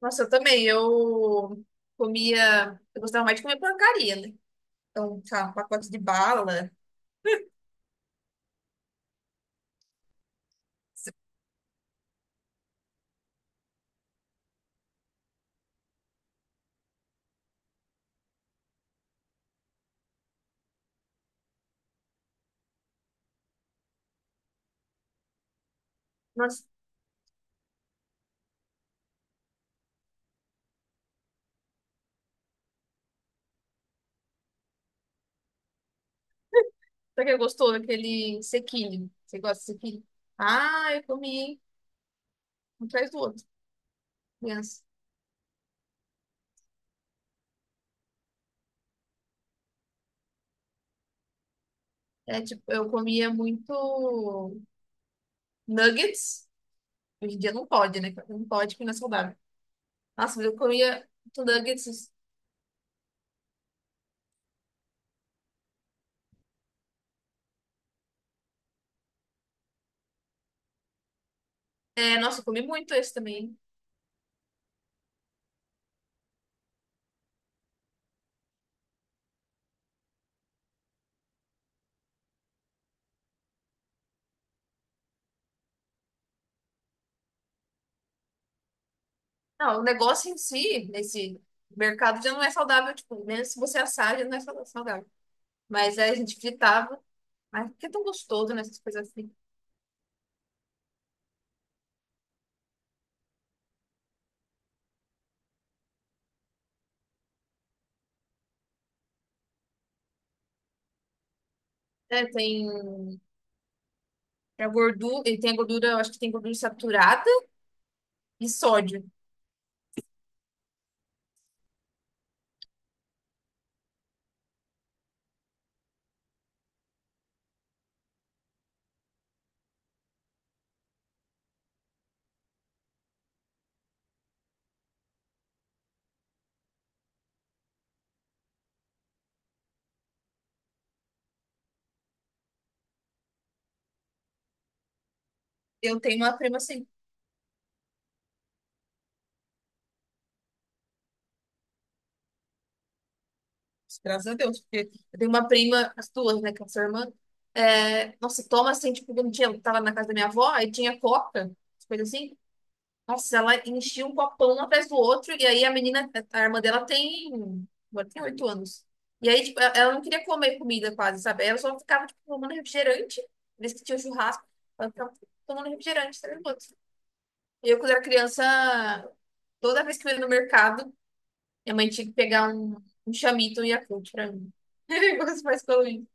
Nossa, eu também. Eu comia. Eu gostava mais de comer porcaria, né? Então, sei lá, um pacote de bala. Nossa, será que gostou daquele sequilho? Você gosta de sequilho? Ah, eu comi um atrás do outro. Criança. É tipo, eu comia muito nuggets. Hoje em dia não pode, né? Não pode, porque não é saudável. Nossa, mas eu comia muito nuggets. É, nossa, eu comi muito esse também. Não, o negócio em si, nesse mercado já não é saudável. Tipo, mesmo se você assar, já não é saudável. Mas aí a gente fritava. Ai, que é tão gostoso, né? Essas coisas assim. É, tem a gordura, ele tem a gordura, eu acho que tem gordura saturada e sódio. Eu tenho uma prima assim, graças a Deus, porque eu tenho uma prima, as duas, né, que é a sua irmã. É, nossa, toma assim, tipo, um dia eu tava na casa da minha avó, aí tinha coca, coisa assim. Nossa, ela enchia um copão um atrás do outro, e aí a menina, a irmã dela agora tem 8 anos. E aí, tipo, ela não queria comer comida quase, sabe? Ela só ficava, tipo, tomando refrigerante, vez que tinha churrasco, ela ficava tomando refrigerante, 3 minutos. E eu, quando era criança, toda vez que eu ia no mercado, minha mãe tinha que pegar um chamito e um Yakult pra mim. Os pais coloridos.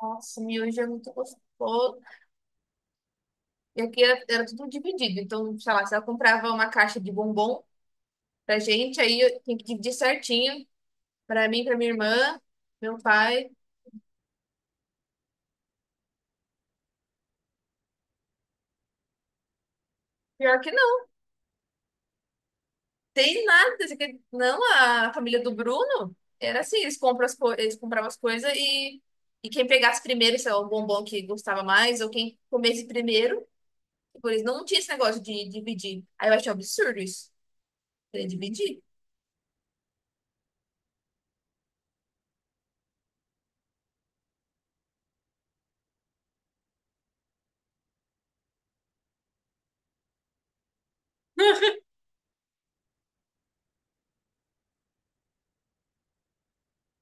Nossa, miojo é muito gostoso. E aqui era tudo dividido. Então, sei lá, se ela comprava uma caixa de bombom, pra gente, aí eu tenho que dividir certinho. Pra mim, pra minha irmã, meu pai. Pior que não, tem nada. Não, a família do Bruno era assim, eles compravam as coisas e, quem pegasse primeiro, se é o bombom que gostava mais, ou quem comesse primeiro, por eles não tinha esse negócio de dividir. Aí eu achei um absurdo isso, de dividir.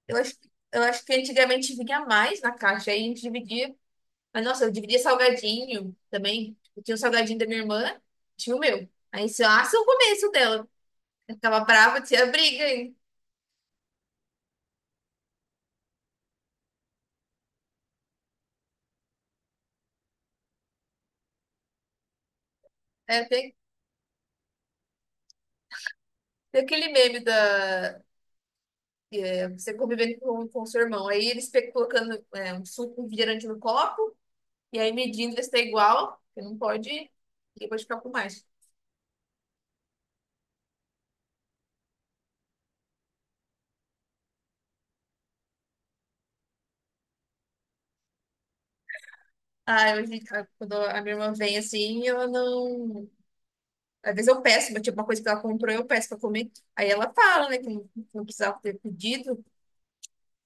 Eu acho, eu acho que antigamente vinha mais na caixa, aí a gente dividia. Mas, nossa, eu dividia salgadinho também. Eu tinha um salgadinho da minha irmã, tinha o meu. Aí se eu o começo dela. Eu ficava brava, tinha briga, hein? É, tem, aquele meme da. É, você convivendo com seu irmão. Aí eles colocando um suco, um refrigerante no copo, e aí medindo ver se tá igual, porque não pode, e depois ficar com mais. Ah, hoje, quando a minha irmã vem assim, ela não. Às vezes eu peço, mas tipo, uma coisa que ela comprou, eu peço pra comer. Aí ela fala, né, que não, precisava ter pedido.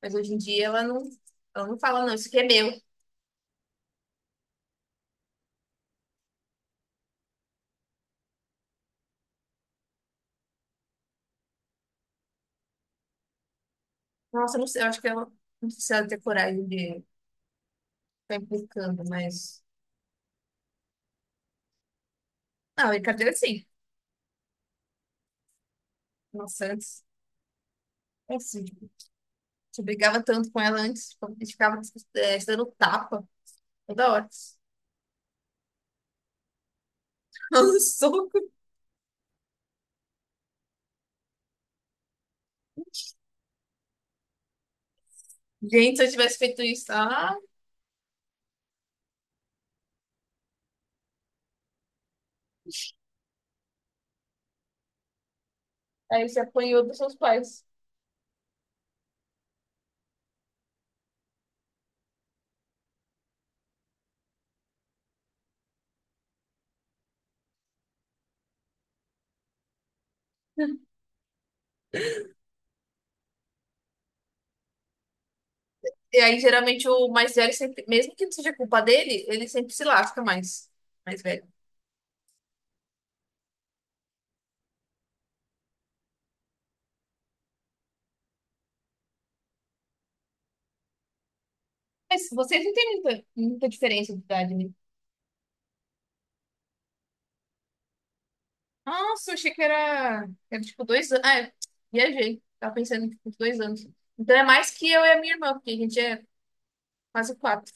Mas hoje em dia ela não fala, não, isso aqui é meu. Nossa, eu não sei, eu acho que ela não precisa ter coragem de ficar implicando, mas. Não, brincadeira sim. Nossa, antes, é assim, tipo, você brigava tanto com ela antes, tipo, a gente ficava se dando tapa toda hora. Dando soco. Gente, se eu tivesse feito isso, ah, aí você apanhou dos seus pais. E aí, geralmente, o mais velho sempre, mesmo que não seja culpa dele, ele sempre se lasca mais. Mais velho. Mas vocês não têm muita, muita diferença de idade, né? Nossa, achei que era tipo 2 anos. Ah, é, viajei. Tava pensando em tipo, 2 anos. Então é mais que eu e a minha irmã, porque a gente é quase quatro.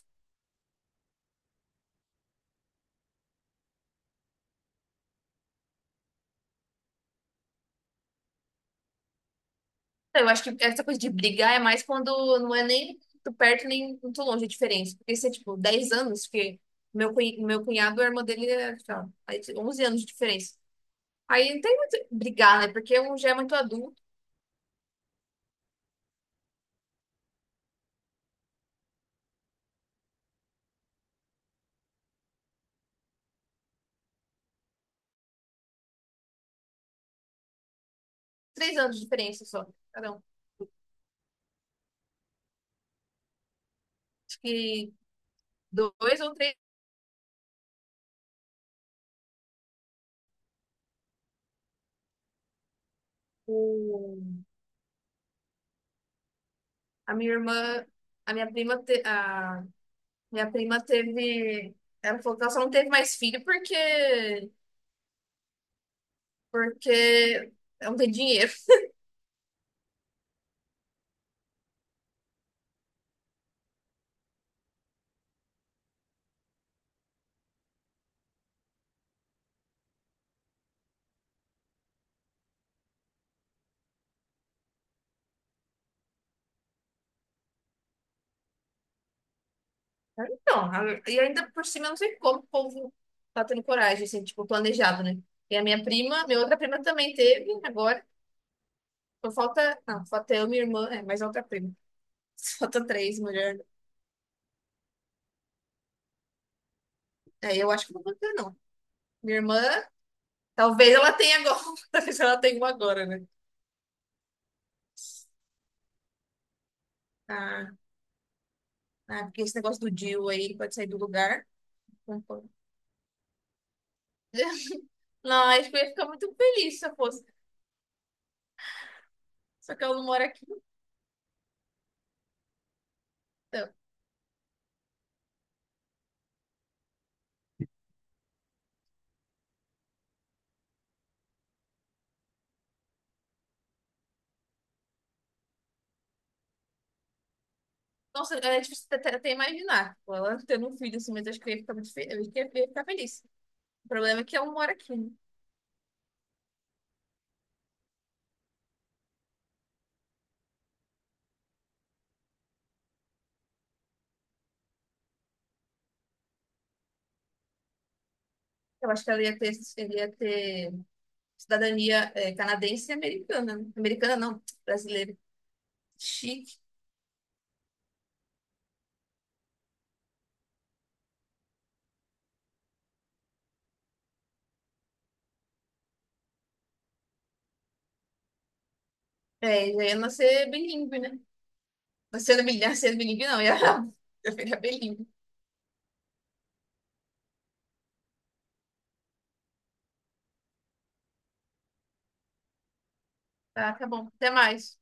Então, eu acho que essa coisa de brigar é mais quando não é nem muito perto nem muito longe a diferença. Porque se é tipo 10 anos, porque meu cunhado, a irmã dele, é, sei lá, aí tem 11 anos de diferença. Aí não tem muito brigar, né? Porque um já é muito adulto, 3 anos de diferença só. Cada um. Acho que dois ou três. O- A minha irmã, a minha prima, a minha prima teve. Ela falou que ela só não teve mais filho porque. Porque não tem dinheiro. Então, e ainda por cima, eu não sei como o povo tá tendo coragem, assim, tipo, planejado, né? E a minha prima, minha outra prima também teve, agora. Só falta. Não, falta eu, minha irmã, mais outra prima. Falta 3 mulheres. É, eu acho que não vou ter, não. Minha irmã, talvez ela tenha agora. Talvez ela tenha uma agora, né? Ah, ah, porque esse negócio do DIU aí, ele pode sair do lugar. Concordo. Não, acho que eu ia ficar muito feliz se eu fosse. Só que ela não mora aqui, então. Nossa, é difícil até imaginar. Tipo, ela tendo um filho assim, mas acho que eu ia ficar muito feliz. Eu ia ficar feliz. O problema é que ela não mora aqui, né? Eu acho que ela ia ter cidadania canadense e americana, né? Americana não, brasileira. Chique. É, já ia nascer bilíngue, né? Nascendo bilíngue, nascendo bilíngue não, ia, eu ia virar bilíngue. Tá, tá bom. Até mais.